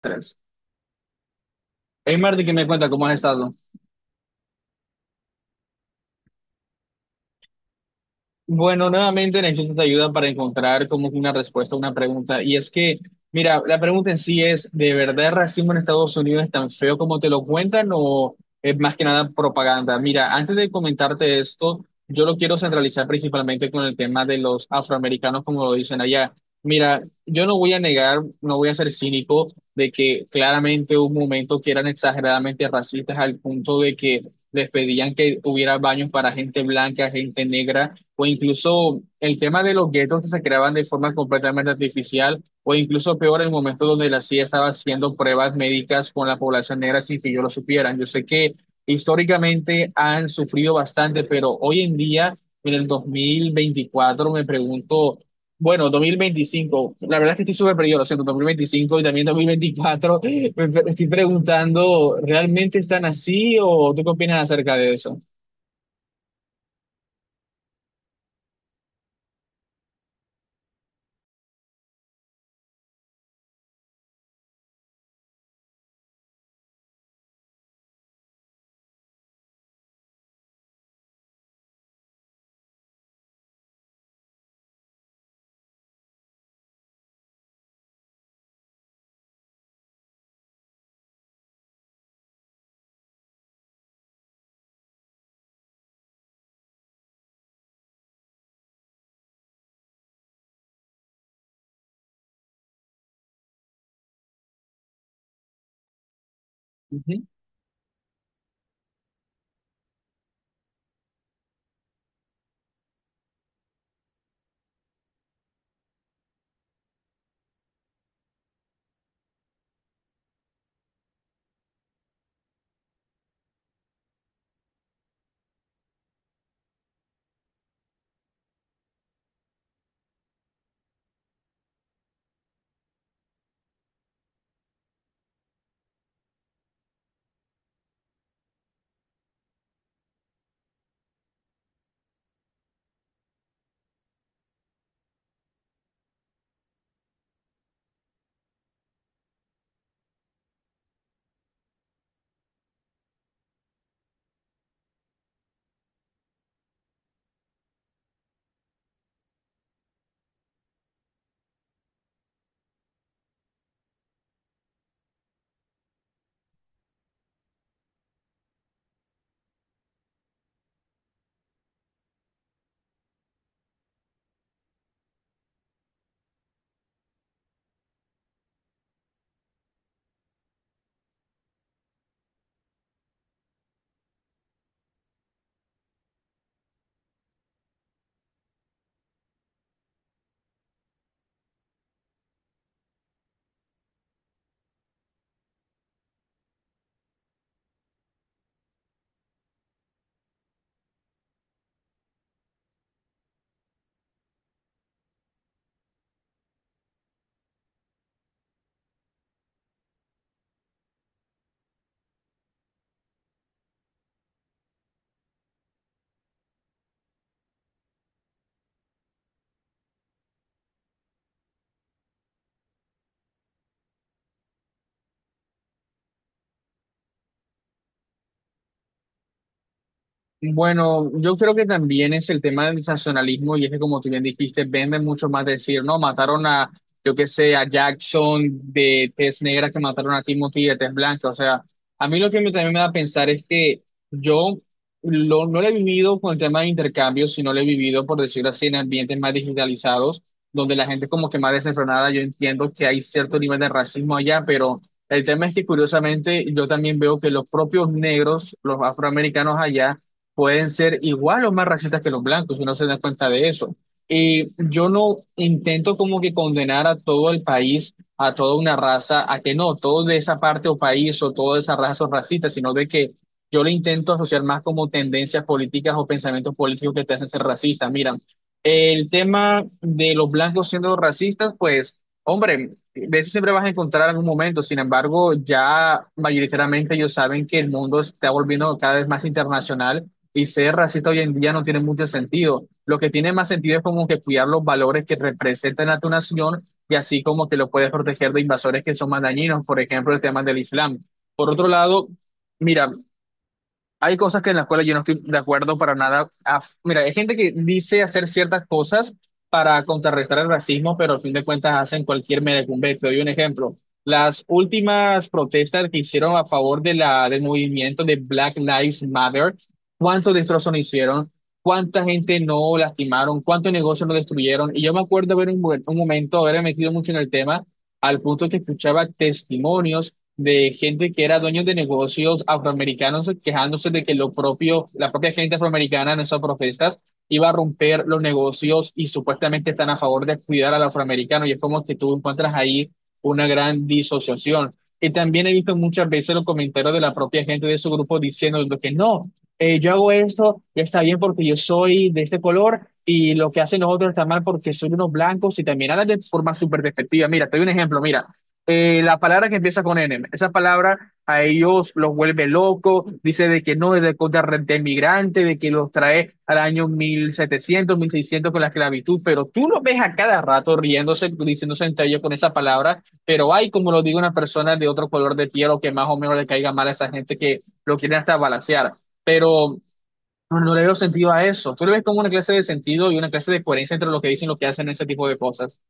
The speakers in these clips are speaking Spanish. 3. Hey Marty, ¿qué me cuenta? ¿Cómo has estado? Bueno, nuevamente necesito ayuda para encontrar como que una respuesta a una pregunta. Y es que, mira, la pregunta en sí es, ¿de verdad el racismo en Estados Unidos es tan feo como te lo cuentan o es más que nada propaganda? Mira, antes de comentarte esto, yo lo quiero centralizar principalmente con el tema de los afroamericanos, como lo dicen allá. Mira, yo no voy a negar, no voy a ser cínico de que claramente hubo un momento que eran exageradamente racistas al punto de que les pedían que hubiera baños para gente blanca, gente negra o incluso el tema de los guetos que se creaban de forma completamente artificial, o incluso peor, el momento donde la CIA estaba haciendo pruebas médicas con la población negra sin que yo lo supieran. Yo sé que históricamente han sufrido bastante, pero hoy en día, en el 2024 me pregunto, bueno, 2025 la verdad es que estoy súper perdido, lo siento, 2025 y también 2024 estoy preguntando, ¿realmente están así o tú qué opinas acerca de eso? Bueno, yo creo que también es el tema del sensacionalismo y es que como tú bien dijiste, venden mucho más decir, no, mataron a, yo qué sé, a Jackson de tez negra que mataron a Timothy de tez blanca. O sea, a mí lo que también me da a pensar es que yo no lo he vivido con el tema de intercambios, sino lo he vivido, por decirlo así, en ambientes más digitalizados, donde la gente como que más desenfrenada. Yo entiendo que hay cierto nivel de racismo allá, pero... El tema es que curiosamente yo también veo que los propios negros, los afroamericanos allá, pueden ser igual o más racistas que los blancos, y no se dan cuenta de eso. Y yo no intento como que condenar a todo el país, a toda una raza, a que no, todo de esa parte o país o toda esa raza son racistas, sino de que yo lo intento asociar más como tendencias políticas o pensamientos políticos que te hacen ser racista. Mira, el tema de los blancos siendo racistas, pues, hombre, de eso siempre vas a encontrar algún momento. Sin embargo, ya mayoritariamente ellos saben que el mundo se está volviendo cada vez más internacional y ser racista hoy en día no tiene mucho sentido. Lo que tiene más sentido es como que cuidar los valores que representan a tu nación y así como que lo puedes proteger de invasores que son más dañinos, por ejemplo, el tema del Islam. Por otro lado, mira, hay cosas que en la escuela yo no estoy de acuerdo para nada. Ah, mira, hay gente que dice hacer ciertas cosas para contrarrestar el racismo, pero al fin de cuentas hacen cualquier merecumbe. Te doy un ejemplo. Las últimas protestas que hicieron a favor de del movimiento de Black Lives Matter, ¿cuántos destrozos no hicieron? ¿Cuánta gente no lastimaron? ¿Cuántos negocios no destruyeron? Y yo me acuerdo haber un momento, haber metido mucho en el tema, al punto que escuchaba testimonios de gente que era dueño de negocios afroamericanos quejándose de que lo propio, la propia gente afroamericana en esas protestas iba a romper los negocios y supuestamente están a favor de cuidar al afroamericano y es como que tú encuentras ahí una gran disociación. Y también he visto muchas veces los comentarios de la propia gente de su grupo diciendo lo que no, yo hago esto y está bien porque yo soy de este color y lo que hacen los otros está mal porque son unos blancos y también hablan de forma súper despectiva. Mira, te doy un ejemplo, mira la palabra que empieza con N, esa palabra a ellos los vuelve locos, dice de que no, es de migrante, de que los trae al año 1700 1600 con la esclavitud, pero tú los ves a cada rato riéndose, diciéndose entre ellos con esa palabra, pero hay, como lo digo, una persona de otro color de piel o que más o menos le caiga mal a esa gente que lo quieren hasta balancear, pero... No, no le veo sentido a eso. Tú le ves como una clase de sentido y una clase de coherencia entre lo que dicen y lo que hacen en ese tipo de cosas.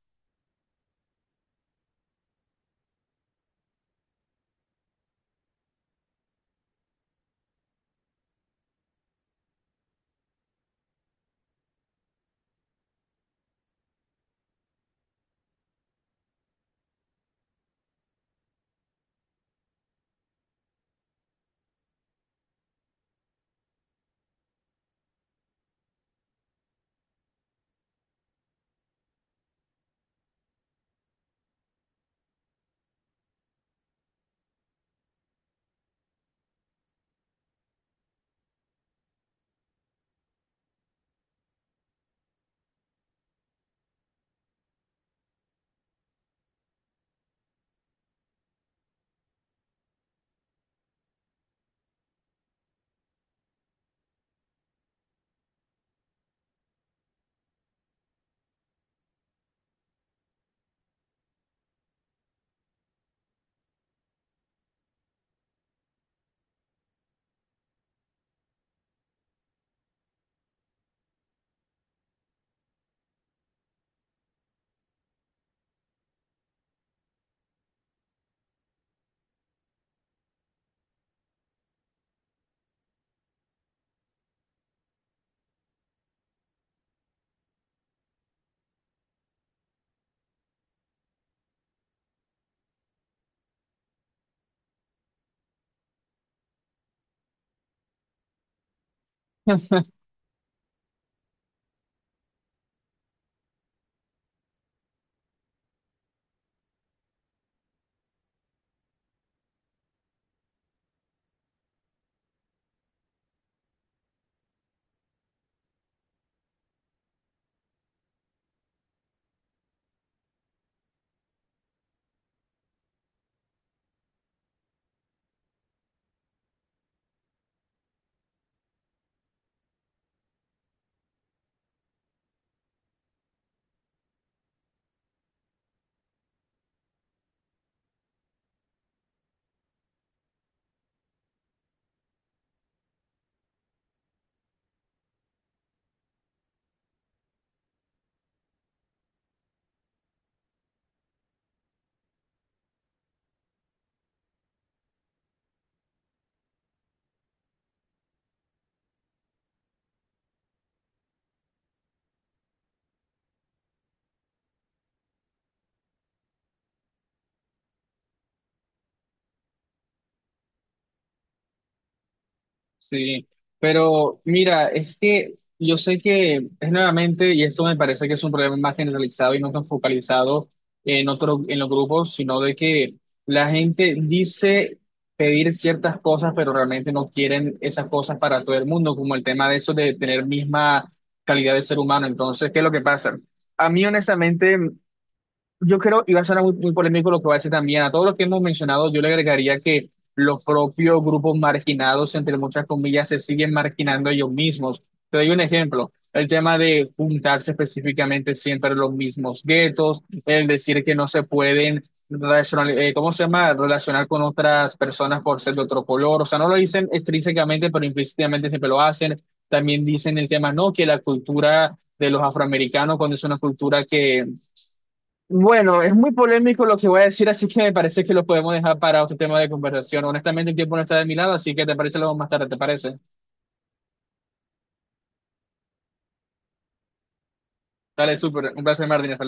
Sí, pero mira, es que yo sé que es nuevamente, y esto me parece que es un problema más generalizado y no tan focalizado en otro, en los grupos, sino de que la gente dice pedir ciertas cosas, pero realmente no quieren esas cosas para todo el mundo, como el tema de eso de tener misma calidad de ser humano. Entonces, ¿qué es lo que pasa? A mí, honestamente, yo creo, y va a sonar muy, muy polémico lo que va a decir también, a todos los que hemos mencionado, yo le agregaría que los propios grupos marginados, entre muchas comillas, se siguen marginando ellos mismos. Te doy un ejemplo, el tema de juntarse específicamente siempre en los mismos guetos, el decir que no se pueden relacionar, ¿cómo se llama? Relacionar con otras personas por ser de otro color, o sea, no lo dicen extrínsecamente, pero implícitamente siempre lo hacen. También dicen el tema, no, que la cultura de los afroamericanos, cuando es una cultura que bueno, es muy polémico lo que voy a decir, así que me parece que lo podemos dejar para otro tema de conversación. Honestamente, el tiempo no está de mi lado, así que te parece luego más tarde, ¿te parece? Dale, súper. Un placer, Martín. Hasta